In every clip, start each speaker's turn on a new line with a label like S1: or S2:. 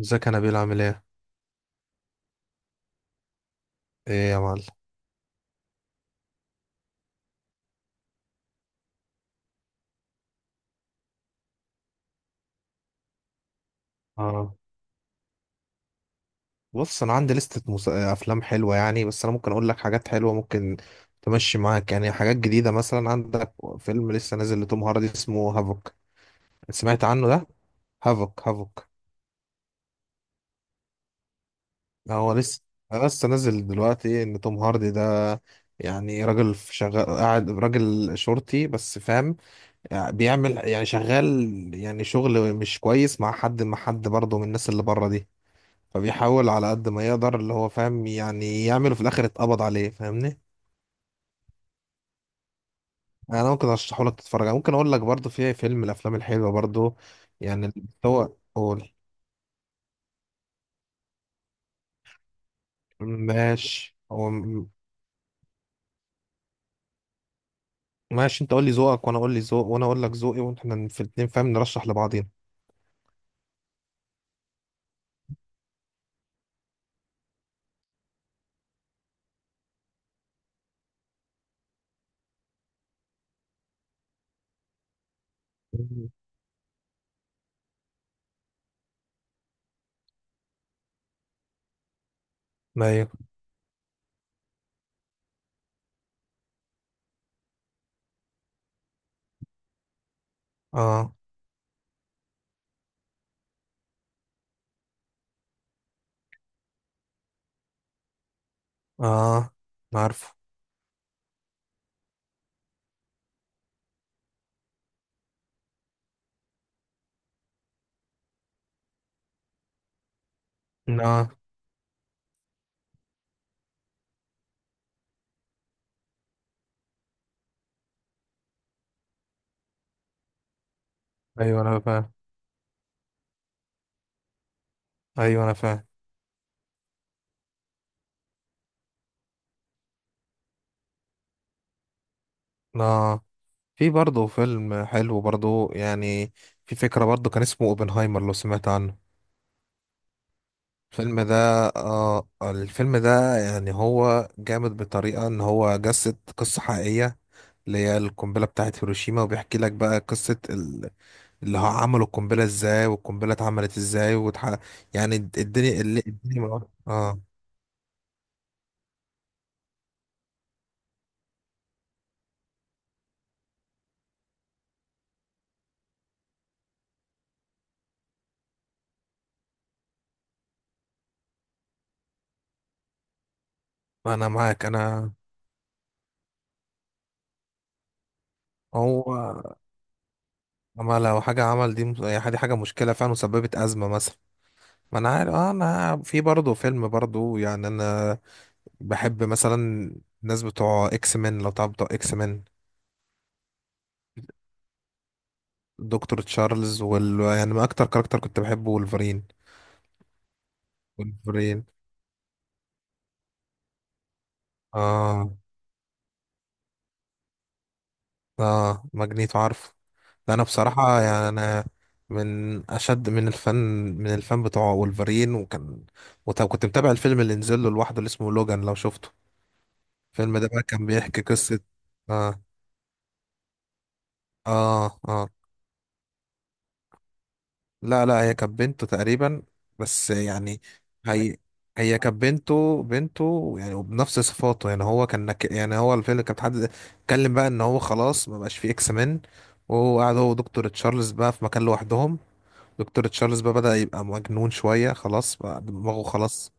S1: ازيك، انا بيل عامل ايه؟ ايه يا معلم؟ اه. بص، انا عندي لستة افلام حلوه يعني، بس انا ممكن اقول لك حاجات حلوه ممكن تمشي معاك يعني. حاجات جديده مثلا، عندك فيلم لسه نازل لتوم هاردي اسمه هافوك. سمعت عنه ده؟ هافوك هافوك. هو لسه لسه نازل دلوقتي، ان توم هاردي ده يعني راجل في شغال، قاعد راجل شرطي بس، فاهم؟ يعني بيعمل يعني شغال، يعني شغل مش كويس مع حد برضه من الناس اللي بره دي. فبيحاول على قد ما يقدر اللي هو فاهم يعني يعمله، في الاخر اتقبض عليه، فاهمني؟ يعني انا ممكن ارشحه لك تتفرج عليه. ممكن اقول لك برضو في فيلم من الافلام الحلوه برضو، يعني اللي هو قول. ماشي، ماشي، انت قول لي ذوقك وانا اقول لك ذوقي، واحنا في الاتنين فاهم نرشح لبعضينا. مم. ايوه. اه اه، أنا عارفه. اه. ايوه انا فاهم. ايوه انا فاهم. اه، في برضه فيلم حلو برضه يعني، في فكرة برضه، كان اسمه اوبنهايمر، لو سمعت عنه. الفيلم ده، آه الفيلم ده يعني هو جامد بطريقة، ان هو جسد قصة حقيقية اللي هي القنبلة بتاعت هيروشيما، وبيحكي لك بقى قصة اللي هو عملوا القنبلة ازاي، والقنبلة اتعملت ازاي، يعني الدنيا اه انا معاك انا. هو اما لو حاجة عمل دي يعني دي حاجة مشكلة فعلا وسببت أزمة مثلا، ما انا عارف. انا في برضه فيلم برضه يعني، انا بحب مثلا الناس بتوع اكس مان، لو تعرف بتوع اكس مان. دكتور تشارلز وال يعني، ما اكتر كاركتر كنت بحبه ولفرين. ولفرين. اه اه، ماجنيتو عارف. لا، انا بصراحة يعني انا من اشد من الفن بتوع ولفرين. وكان، وطب كنت متابع الفيلم اللي نزل له لوحده اللي اسمه لوجان، لو شفته. الفيلم ده بقى كان بيحكي قصة. اه اه اه. لا لا، هي كانت بنته تقريبا، بس يعني. هي هي كانت بنته، بنته يعني، وبنفس صفاته يعني. هو كان يعني هو الفيلم كان حد اتكلم بقى ان هو خلاص ما بقاش فيه اكس مان، وهو قاعد هو ودكتور تشارلز بقى في مكان لوحدهم. دكتور تشارلز بقى بدأ يبقى مجنون شوية، خلاص بقى دماغه خلاص.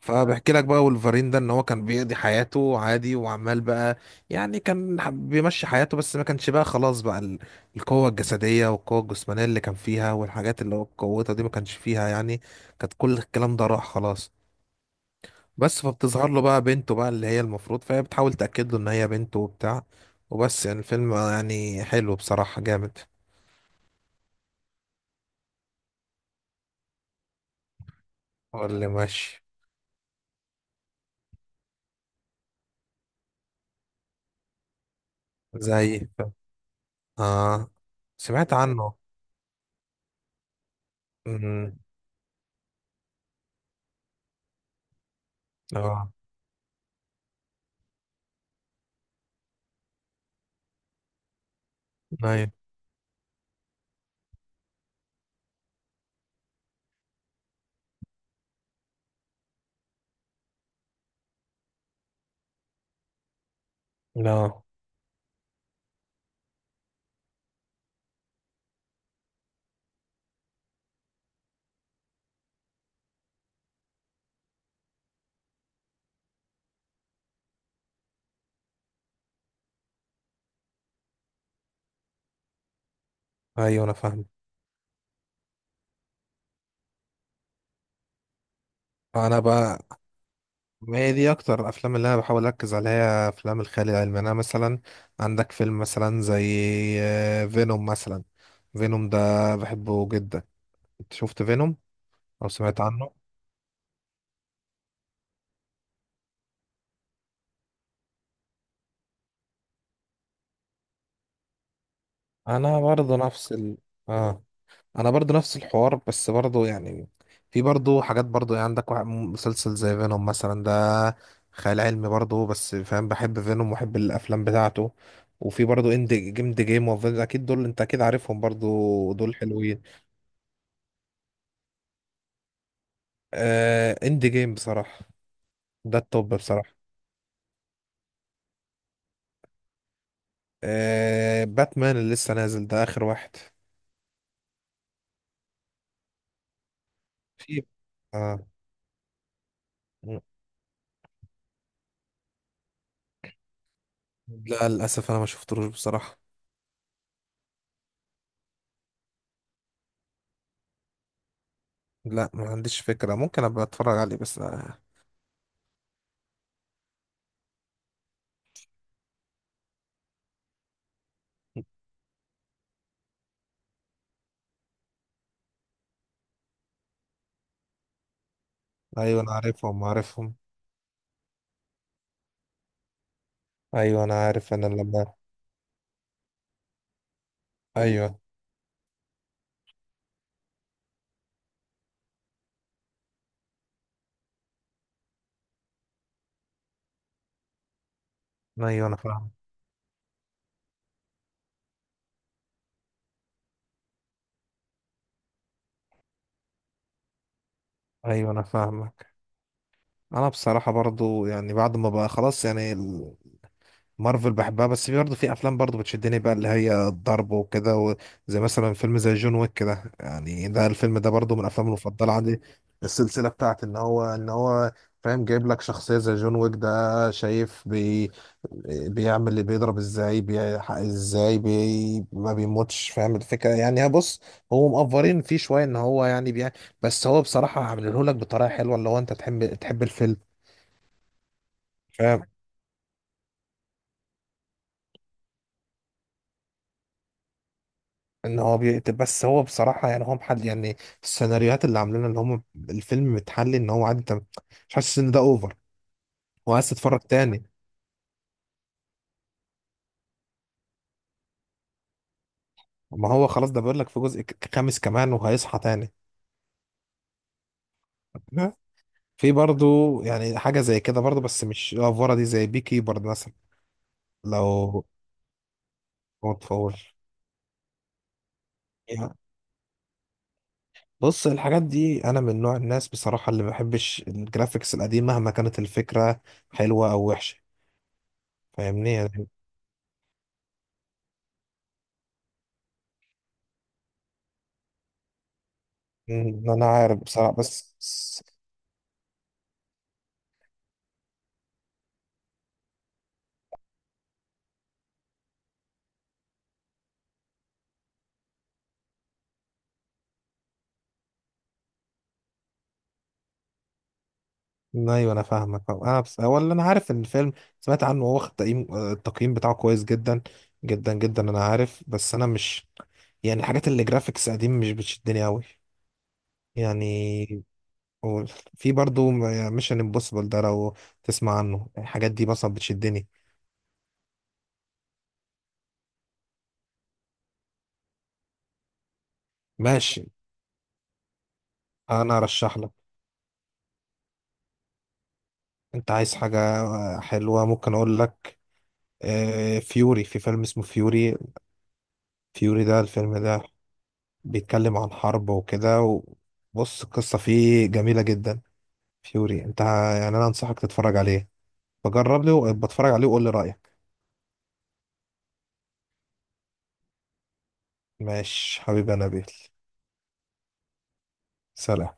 S1: فبحكي لك بقى، ولفرين ده ان هو كان بيقضي حياته عادي، وعمال بقى يعني، بيمشي حياته، بس ما كانش بقى خلاص بقى القوة الجسدية والقوة الجسمانية اللي كان فيها والحاجات اللي هو قوتها دي ما كانش فيها يعني، كانت كل الكلام ده راح خلاص. بس فبتظهر له بقى بنته بقى، اللي هي المفروض، فهي بتحاول تأكد له ان هي بنته وبتاع. وبس يعني الفيلم يعني حلو بصراحة، جامد. هو اللي ماشي. زي، اه سمعت عنه. امم. اه. ايوه. لا. ايوه انا فاهم. انا بقى، ما هي دي اكتر الافلام اللي انا بحاول اركز عليها، هي افلام الخيال العلمي. انا مثلا عندك فيلم مثلا زي، فينوم مثلا. فينوم ده بحبه جدا. انت شفت فينوم او سمعت عنه؟ انا برضه اه، انا برضو نفس الحوار، بس برضو يعني في برضو حاجات برضو يعني، عندك مسلسل زي فينوم مثلا ده، خيال علمي برضو بس، فاهم؟ بحب فينوم وبحب الافلام بتاعته. وفي برضو اند جيم، دي جيم اكيد دول، انت اكيد عارفهم برضو، دول حلوين. آه اند جيم بصراحة، ده التوب بصراحة. آه باتمان اللي لسه نازل ده، اخر واحد. في آه، لا للاسف انا ما شفتلوش بصراحة. لا ما عنديش فكرة، ممكن ابقى اتفرج عليه بس آه. ايوه انا عارفهم عارفهم. ايوه انا عارف انا لما. ايوه ايوه انا فاهم. ايوه انا فاهمك. انا بصراحه برضو يعني بعد ما بقى خلاص يعني مارفل بحبها، بس في برضه في افلام برضه بتشدني بقى، اللي هي الضرب وكده، و زي مثلا فيلم زي جون ويك كده يعني، ده الفيلم ده برضه من الافلام المفضله عندي. السلسله بتاعت ان هو فاهم، جايب لك شخصيه زي جون ويك ده، شايف بي بيعمل اللي بيضرب ازاي، بيحقق ازاي، بي ما بيموتش، فاهم الفكره يعني؟ هي بص، هو مقفرين فيه شويه ان هو يعني بيع، بس هو بصراحه عامله لك بطريقه حلوه اللي هو انت تحب الفيلم فاهم، ان هو بيقتل بس، هو بصراحه يعني هو محل يعني السيناريوهات اللي عاملينها ان هم الفيلم متحلي ان هو عادي، انت مش حاسس ان ده اوفر وعايز تتفرج تاني. ما هو خلاص ده بيقول لك في جزء خامس كمان، وهيصحى تاني. لا، في برضو يعني حاجه زي كده برضو بس مش الافوره دي، زي بي كيبر مثلا. لو ما تفوش يعني، بص الحاجات دي انا من نوع الناس بصراحه اللي ما بحبش الجرافيكس القديم مهما كانت الفكره حلوه او وحشه، فاهمني يعني؟ انا عارف بصراحه بس. ايوه انا فاهمك فاهم. انا بس هو اللي انا عارف ان الفيلم، سمعت عنه، هو واخد تقييم، التقييم بتاعه كويس جدا جدا جدا، انا عارف، بس انا مش يعني، الحاجات اللي جرافيكس قديم مش بتشدني قوي يعني. و، في برضو ميشن امبوسيبل ده، لو تسمع عنه، الحاجات دي مثلا بتشدني. ماشي انا ارشح لك. انت عايز حاجة حلوة ممكن اقول لك، فيوري، في فيلم اسمه فيوري. فيوري ده، الفيلم ده بيتكلم عن حرب وكده، وبص القصة فيه جميلة جدا. فيوري، يعني انا انصحك تتفرج عليه. فجرب لي وبتفرج عليه وقول لي رأيك. ماشي حبيبي يا نبيل. سلام.